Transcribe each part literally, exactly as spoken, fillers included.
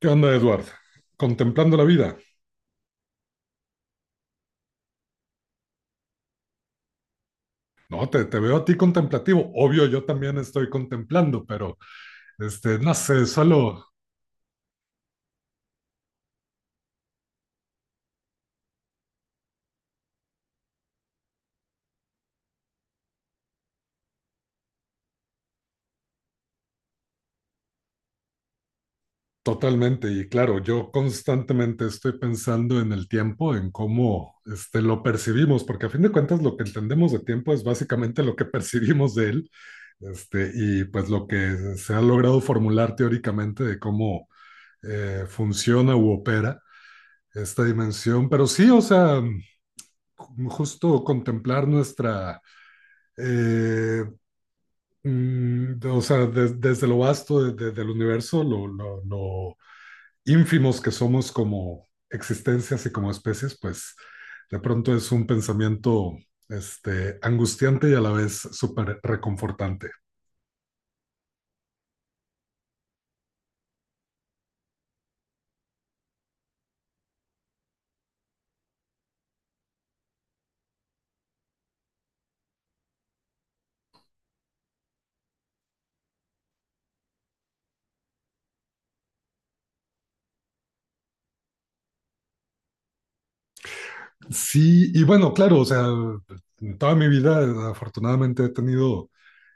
¿Qué onda, Edward? ¿Contemplando la vida? No, te, te veo a ti contemplativo. Obvio, yo también estoy contemplando, pero este, no sé, solo totalmente. Y claro, yo constantemente estoy pensando en el tiempo, en cómo este, lo percibimos, porque a fin de cuentas lo que entendemos de tiempo es básicamente lo que percibimos de él, este, y pues lo que se ha logrado formular teóricamente de cómo eh, funciona u opera esta dimensión. Pero sí, o sea, justo contemplar nuestra Eh, mm, de- o sea, des- desde lo vasto de- de- del universo, lo, lo- lo ínfimos que somos como existencias y como especies, pues de pronto es un pensamiento este, angustiante y a la vez súper reconfortante. Sí, y bueno, claro, o sea, en toda mi vida eh, afortunadamente he tenido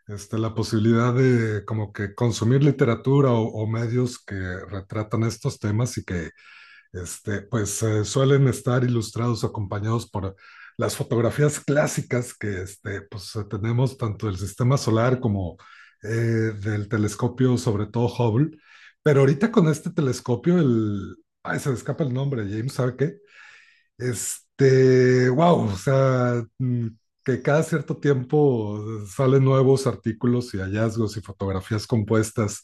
este, la posibilidad de como que consumir literatura o, o medios que retratan estos temas y que este, pues eh, suelen estar ilustrados acompañados por las fotografías clásicas que este, pues, eh, tenemos tanto del sistema solar como eh, del telescopio, sobre todo Hubble. Pero ahorita con este telescopio, el... Ay, se me escapa el nombre, James, ¿sabe qué? Este, wow, o sea, mm, que cada cierto tiempo salen nuevos artículos y hallazgos y fotografías compuestas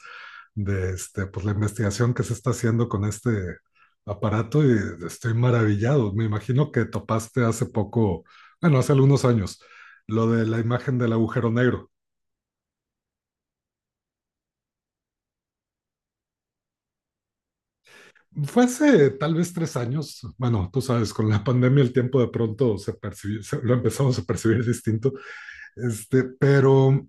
de este, pues, la investigación que se está haciendo con este aparato y estoy maravillado. Me imagino que topaste hace poco, bueno, hace algunos años, lo de la imagen del agujero negro. Fue hace tal vez tres años, bueno, tú sabes, con la pandemia el tiempo de pronto se percibió, se- lo empezamos a percibir distinto, este, pero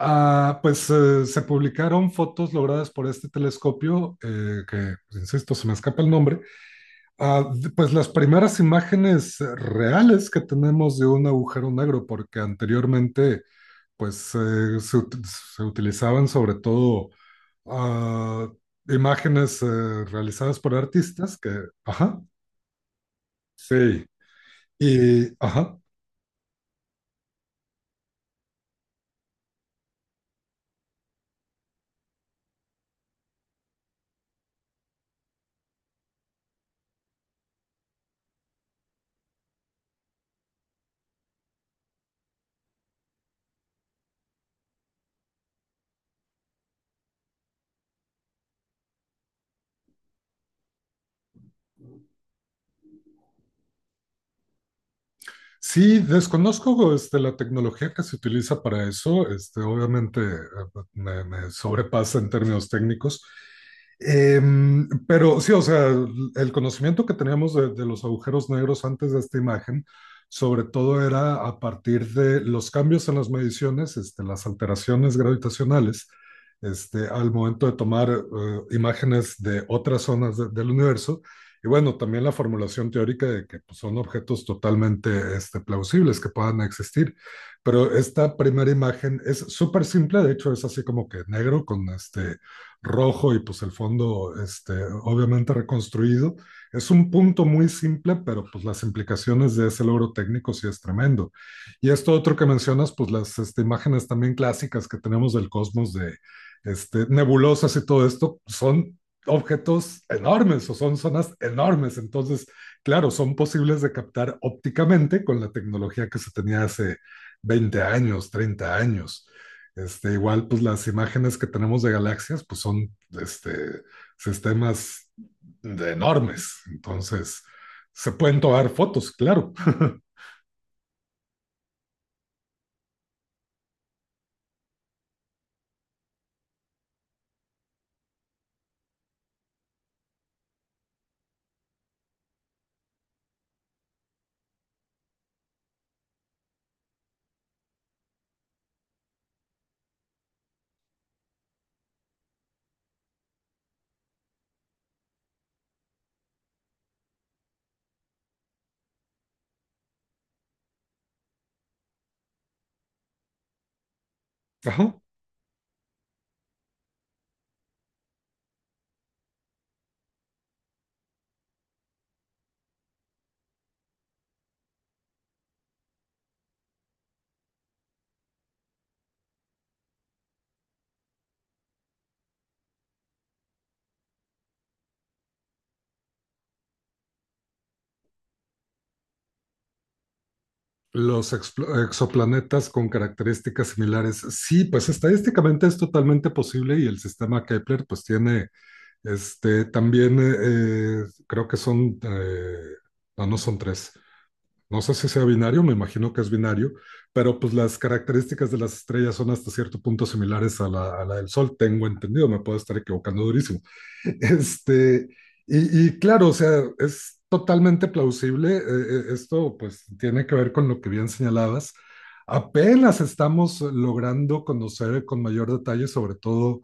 Ah, pues eh, se publicaron fotos logradas por este telescopio, eh, que, pues, insisto, se me escapa el nombre. Ah, d- pues las primeras imágenes eh, reales que tenemos de un agujero negro, porque anteriormente, pues eh, se, ut- se utilizaban sobre todo ah, imágenes eh, realizadas por artistas que, ajá, sí, y, ajá. Sí, desconozco este, la tecnología que se utiliza para eso. Este, obviamente eh, me, me sobrepasa en términos técnicos. Em, pero sí, o sea, el conocimiento que teníamos de, de los agujeros negros antes de esta imagen, sobre todo era a partir de los cambios en las mediciones, este, las alteraciones gravitacionales, este, al momento de tomar eh, imágenes de otras zonas de- del universo y bueno, también la formulación teórica de que pues, son objetos totalmente este, plausibles que puedan existir. Pero esta primera imagen es súper simple, de hecho es así como que negro con este rojo y pues el fondo este, obviamente reconstruido. Es un punto muy simple, pero pues las implicaciones de ese logro técnico sí es tremendo. Y esto otro que mencionas, pues las este, imágenes también clásicas que tenemos del cosmos de este, nebulosas y todo esto, son objetos enormes o son zonas enormes. Entonces, claro, son posibles de captar ópticamente con la tecnología que se tenía hace veinte años, treinta años. Este, igual, pues las imágenes que tenemos de galaxias, pues son este, sistemas de enormes. Entonces, se pueden tomar fotos, claro. Ajá. Los exoplanetas con características similares. Sí, pues estadísticamente es totalmente posible y el sistema Kepler pues tiene Este, también eh, eh, creo que son, eh, no, no son tres, no sé si sea binario, me imagino que es binario, pero pues las características de las estrellas son hasta cierto punto similares a la, a la del Sol, tengo entendido, me puedo estar equivocando durísimo. Este, y, y claro, o sea, es totalmente plausible, eh, eh, esto pues tiene que ver con lo que bien señalabas. Apenas estamos logrando conocer con mayor detalle, sobre todo,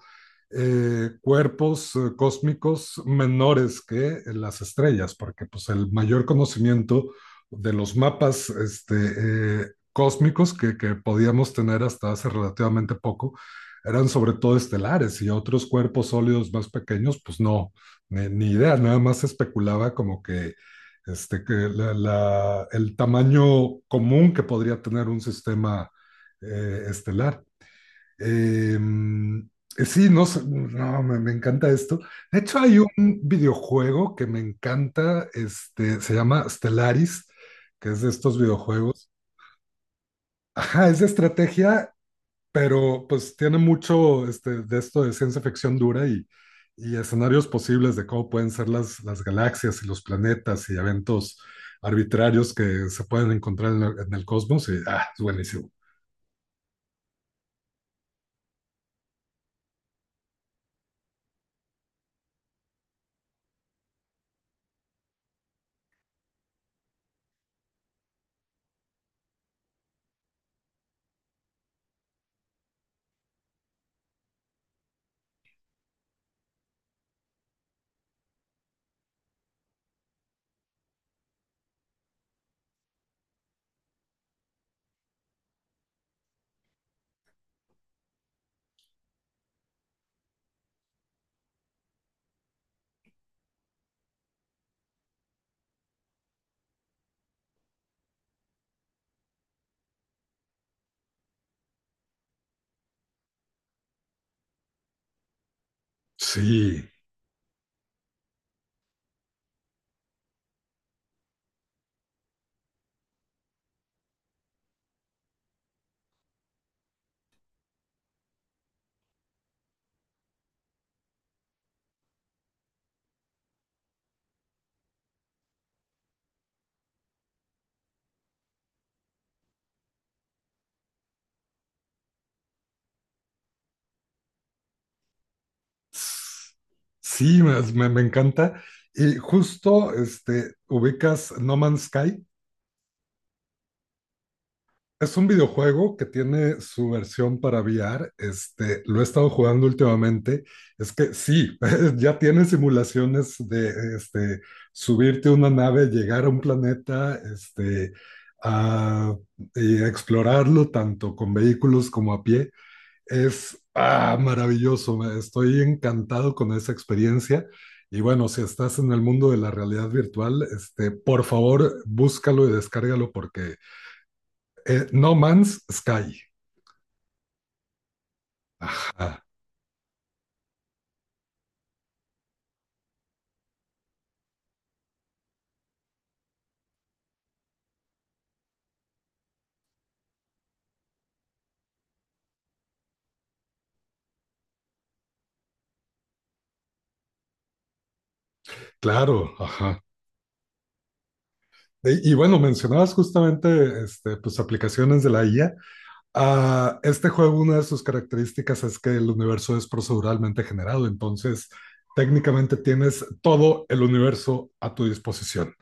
eh, cuerpos eh, cósmicos menores que las estrellas, porque pues el mayor conocimiento de los mapas este, eh, cósmicos que, que podíamos tener hasta hace relativamente poco eran sobre todo estelares y otros cuerpos sólidos más pequeños, pues no, ni, ni idea, nada más especulaba como que, este, que la, la, el tamaño común que podría tener un sistema eh, estelar. Em, Eh, sí, no, sé, no me, me encanta esto. De hecho, hay un videojuego que me encanta, este, se llama Stellaris, que es de estos videojuegos. Ajá, es de estrategia, pero pues tiene mucho este, de esto de ciencia ficción dura y, y escenarios posibles de cómo pueden ser las, las galaxias y los planetas y eventos arbitrarios que se pueden encontrar en, la- en el cosmos. Y, ah, es buenísimo. Sí. Sí, me, me- me encanta. Y justo este, ubicas No Man's Sky. Es un videojuego que tiene su versión para V R. Este, lo he estado jugando últimamente. Es que sí, ya tiene simulaciones de este, subirte a una nave, llegar a un planeta, este, a, y explorarlo tanto con vehículos como a pie. Es ah, maravilloso, me- estoy encantado con esa experiencia. Y bueno, si estás en el mundo de la realidad virtual, este, por favor, búscalo y descárgalo porque eh, No Man's Sky. Ajá, claro, ajá. Y, y bueno, mencionabas justamente este, pues, aplicaciones de la I A. Ah, este juego, una de sus características es que el universo es proceduralmente generado, entonces técnicamente tienes todo el universo a tu disposición.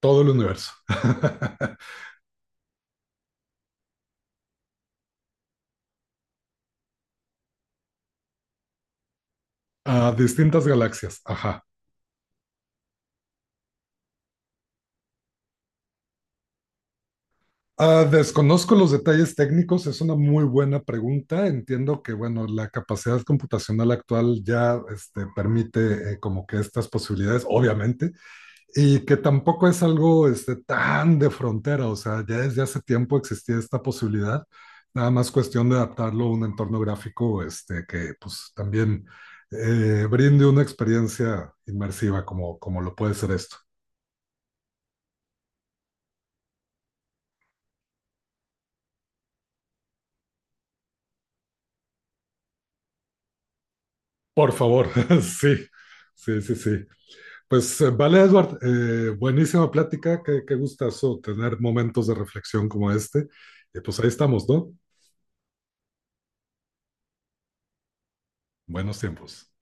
Todo el universo, a distintas galaxias, ajá. Ah, desconozco los detalles técnicos, es una muy buena pregunta. Entiendo que, bueno, la capacidad computacional actual ya este, permite eh, como que estas posibilidades, obviamente, y que tampoco es algo este, tan de frontera, o sea, ya desde hace tiempo existía esta posibilidad, nada más cuestión de adaptarlo a un entorno gráfico este, que pues también eh, brinde una experiencia inmersiva como, como lo puede ser esto. Por favor, sí, sí, sí, sí. Pues eh, vale, Edward, eh, buenísima plática, qué, qué gustazo tener momentos de reflexión como este. Y pues ahí estamos, ¿no? Buenos tiempos.